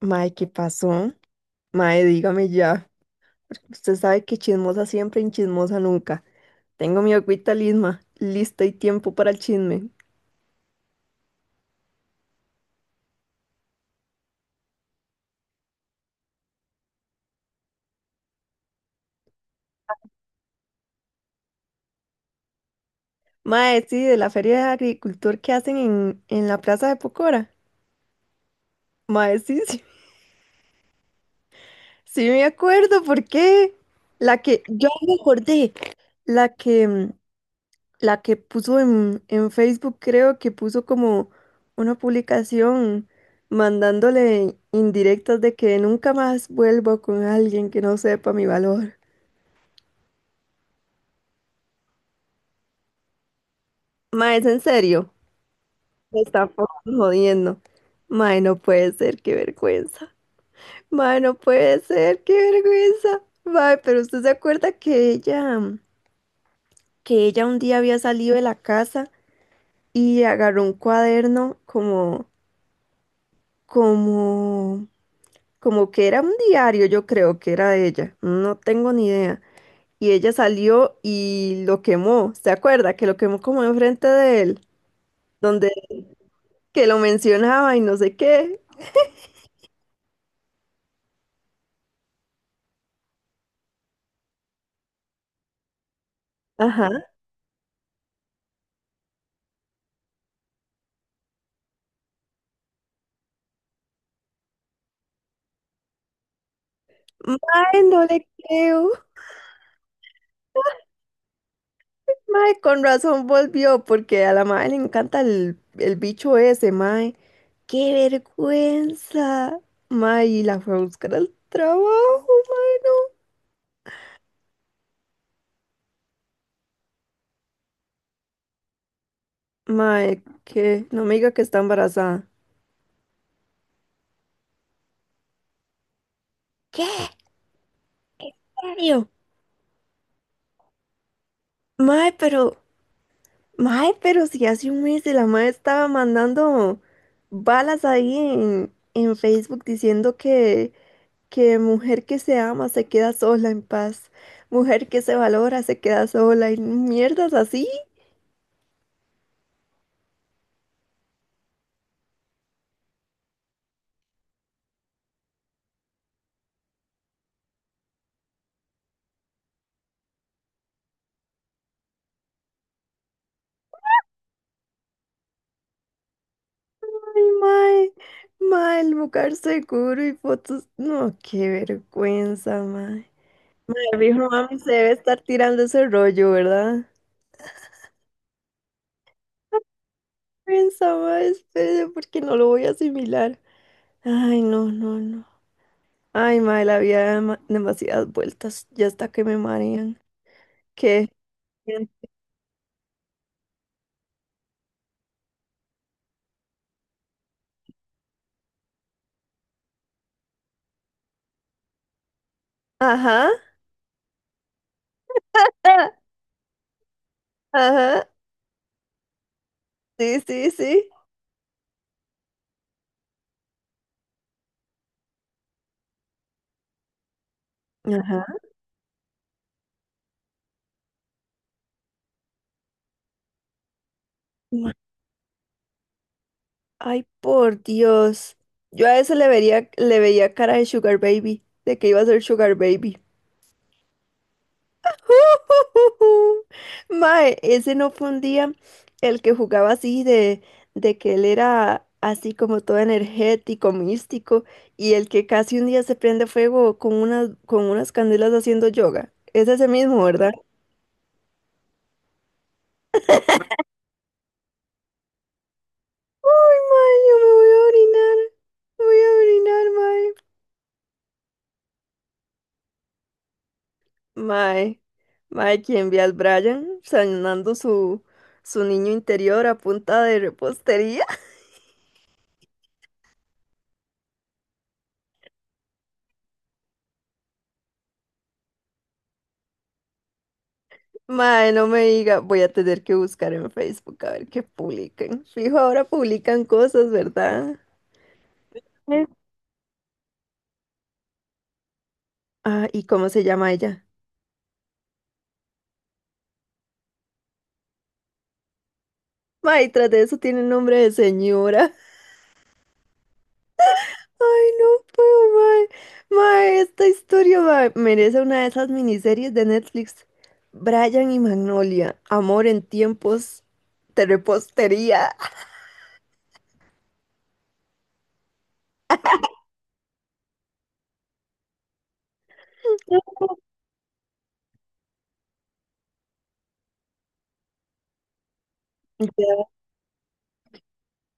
Mae, ¿qué pasó? Mae, dígame ya. Porque usted sabe que chismosa siempre y chismosa nunca. Tengo mi agüita lisma, lista y tiempo para el chisme. Mae, sí, de la feria de agricultor que hacen en, la plaza de Pocora. Mae, sí, sí, sí me acuerdo, ¿por qué? La que, yo me acordé, la que, mm, la que puso en Facebook, creo que puso como una publicación mandándole indirectas de que nunca más vuelvo con alguien que no sepa mi valor. Ma, es en serio. Me están jodiendo. Ma, no puede ser, qué vergüenza. Ma, no puede ser, qué vergüenza. Ma, pero usted se acuerda que ella un día había salido de la casa y agarró un cuaderno como, como como que era un diario, yo creo que era de ella, no tengo ni idea. Y ella salió y lo quemó, ¿se acuerda? Que lo quemó como enfrente de él, donde que lo mencionaba y no sé qué. Ajá. Mae, no le creo. Mae, con razón volvió, porque a la mae le encanta el bicho ese, mae. ¡Qué vergüenza! Mae, y la fue a buscar al trabajo, mae, no. Mae, que no me diga que está embarazada. ¿Qué? ¿En serio? Mae, pero, mae, pero si hace un mes la mae estaba mandando balas ahí en, Facebook diciendo que mujer que se ama se queda sola en paz, mujer que se valora se queda sola y mierdas así. Ay, mae, el lugar seguro y fotos. No, qué vergüenza, mae. El viejo mami se debe estar tirando ese rollo, ¿verdad? Vergüenza, mae, espere, porque no lo voy a asimilar. Ay, no, no, no. Ay, mae, la vida da demasiadas vueltas, ya hasta que me marean. ¿Qué? Bien. Ajá, ah, ajá, sí, sí, sí. Ajá. Ma- Ay, por Dios. Yo a ese le vería, le veía cara de Sugar Baby, de que iba a ser Sugar Baby. Mae, ese no fue un día el que jugaba así de que él era así como todo energético, místico, y el que casi un día se prende fuego con unas candelas haciendo yoga. Es ese mismo, ¿verdad? Ay, mae, yo me voy a orinar. Voy a orinar, mae. Mae, mae, quien ve al Brian sanando su, su niño interior a punta de repostería. Mae, no me diga, voy a tener que buscar en Facebook a ver qué publican. Fijo, ahora publican cosas, ¿verdad? Sí. Ah, ¿y cómo se llama ella? Mae, tras de eso tiene nombre de señora. Ay, no puedo, mae. Mae, esta historia, mae, merece una de esas miniseries de Netflix. Brian y Magnolia, amor en tiempos de repostería.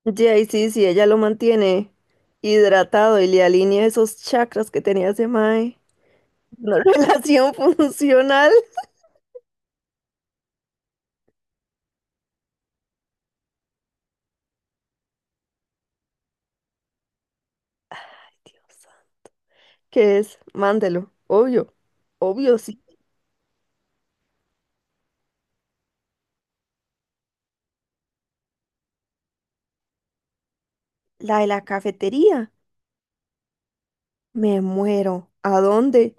Ya, y sí, sí, ella lo mantiene hidratado y le alinea esos chakras que tenía ese mae. No, relación funcional, que es, mándelo, obvio, obvio, sí. La de la cafetería, me muero. ¿A dónde?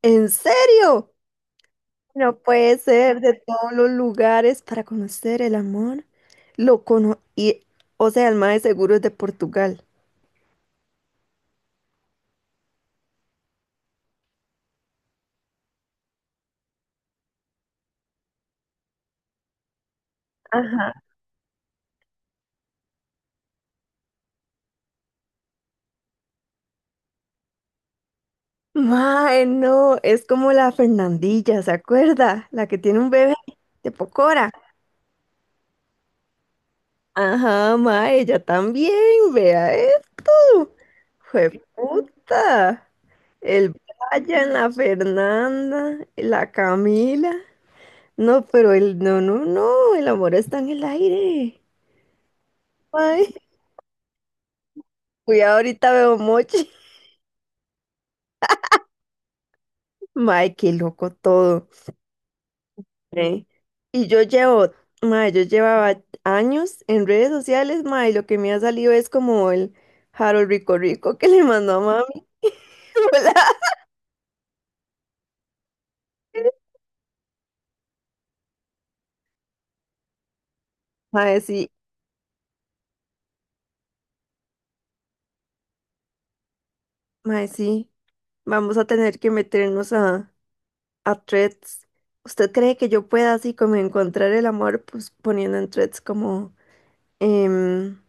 ¿En serio? No puede ser de todos los lugares para conocer el amor. Lo cono y, o sea, el mae seguro es de Portugal. Mae, no, es como la Fernandilla, ¿se acuerda? La que tiene un bebé de Pocora. Ajá, mae, ella también, vea eso. ¡Puta! El Brian, la Fernanda, la Camila. No, pero el no, no, no, el amor está en el aire. Ay, cuidado, ahorita veo mochi. Mae, qué loco todo. ¿Eh? Y yo llevo, mae, yo llevaba años en redes sociales, mae, y lo que me ha salido es como el Harold Rico Rico que le mandó a mami. Hola. Mae, sí, mae, sí. Vamos a tener que meternos a threads. ¿Usted cree que yo pueda así como encontrar el amor pues poniendo en threads como em,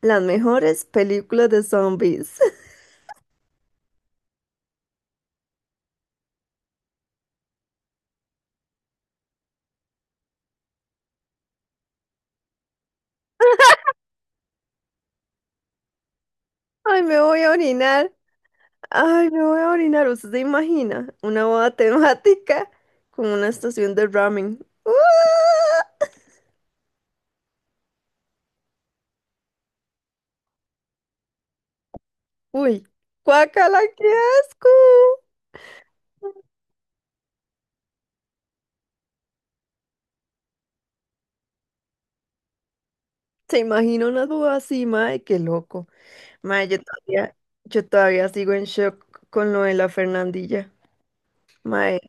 las mejores películas de zombies? Ay, me voy a orinar. Ay, me voy a orinar. ¿Usted se imagina una boda temática con una estación de ramen? ¡Ah! Uy, guácala, qué asco. Se imagina una boda así, mae, qué loco. Mae, yo todavía sigo en shock con lo de la Fernandilla. Mae,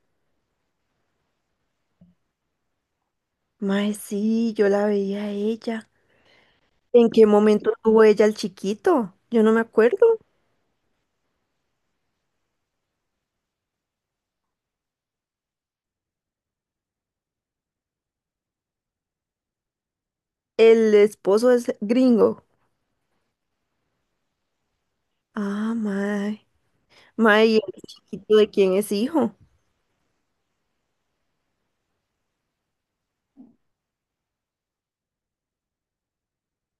Mae, sí, yo la veía a ella. ¿En qué momento tuvo ella al chiquito? Yo no me acuerdo. El esposo es gringo. Ah, mae. Mae, ¿y el chiquito de quién es hijo?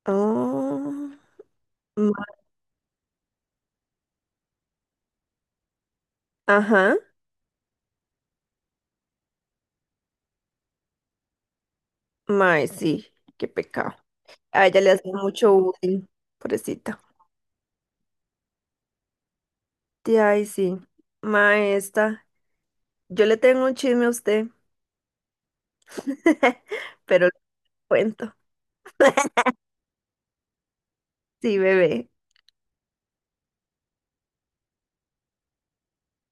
Oh, ma- ajá. Mae, sí, qué pecado. A ella le hace mucho bullying, pobrecita. De ahí sí. Mae, esta. Yo le tengo un chisme a usted, pero le cuento. Sí, bebé.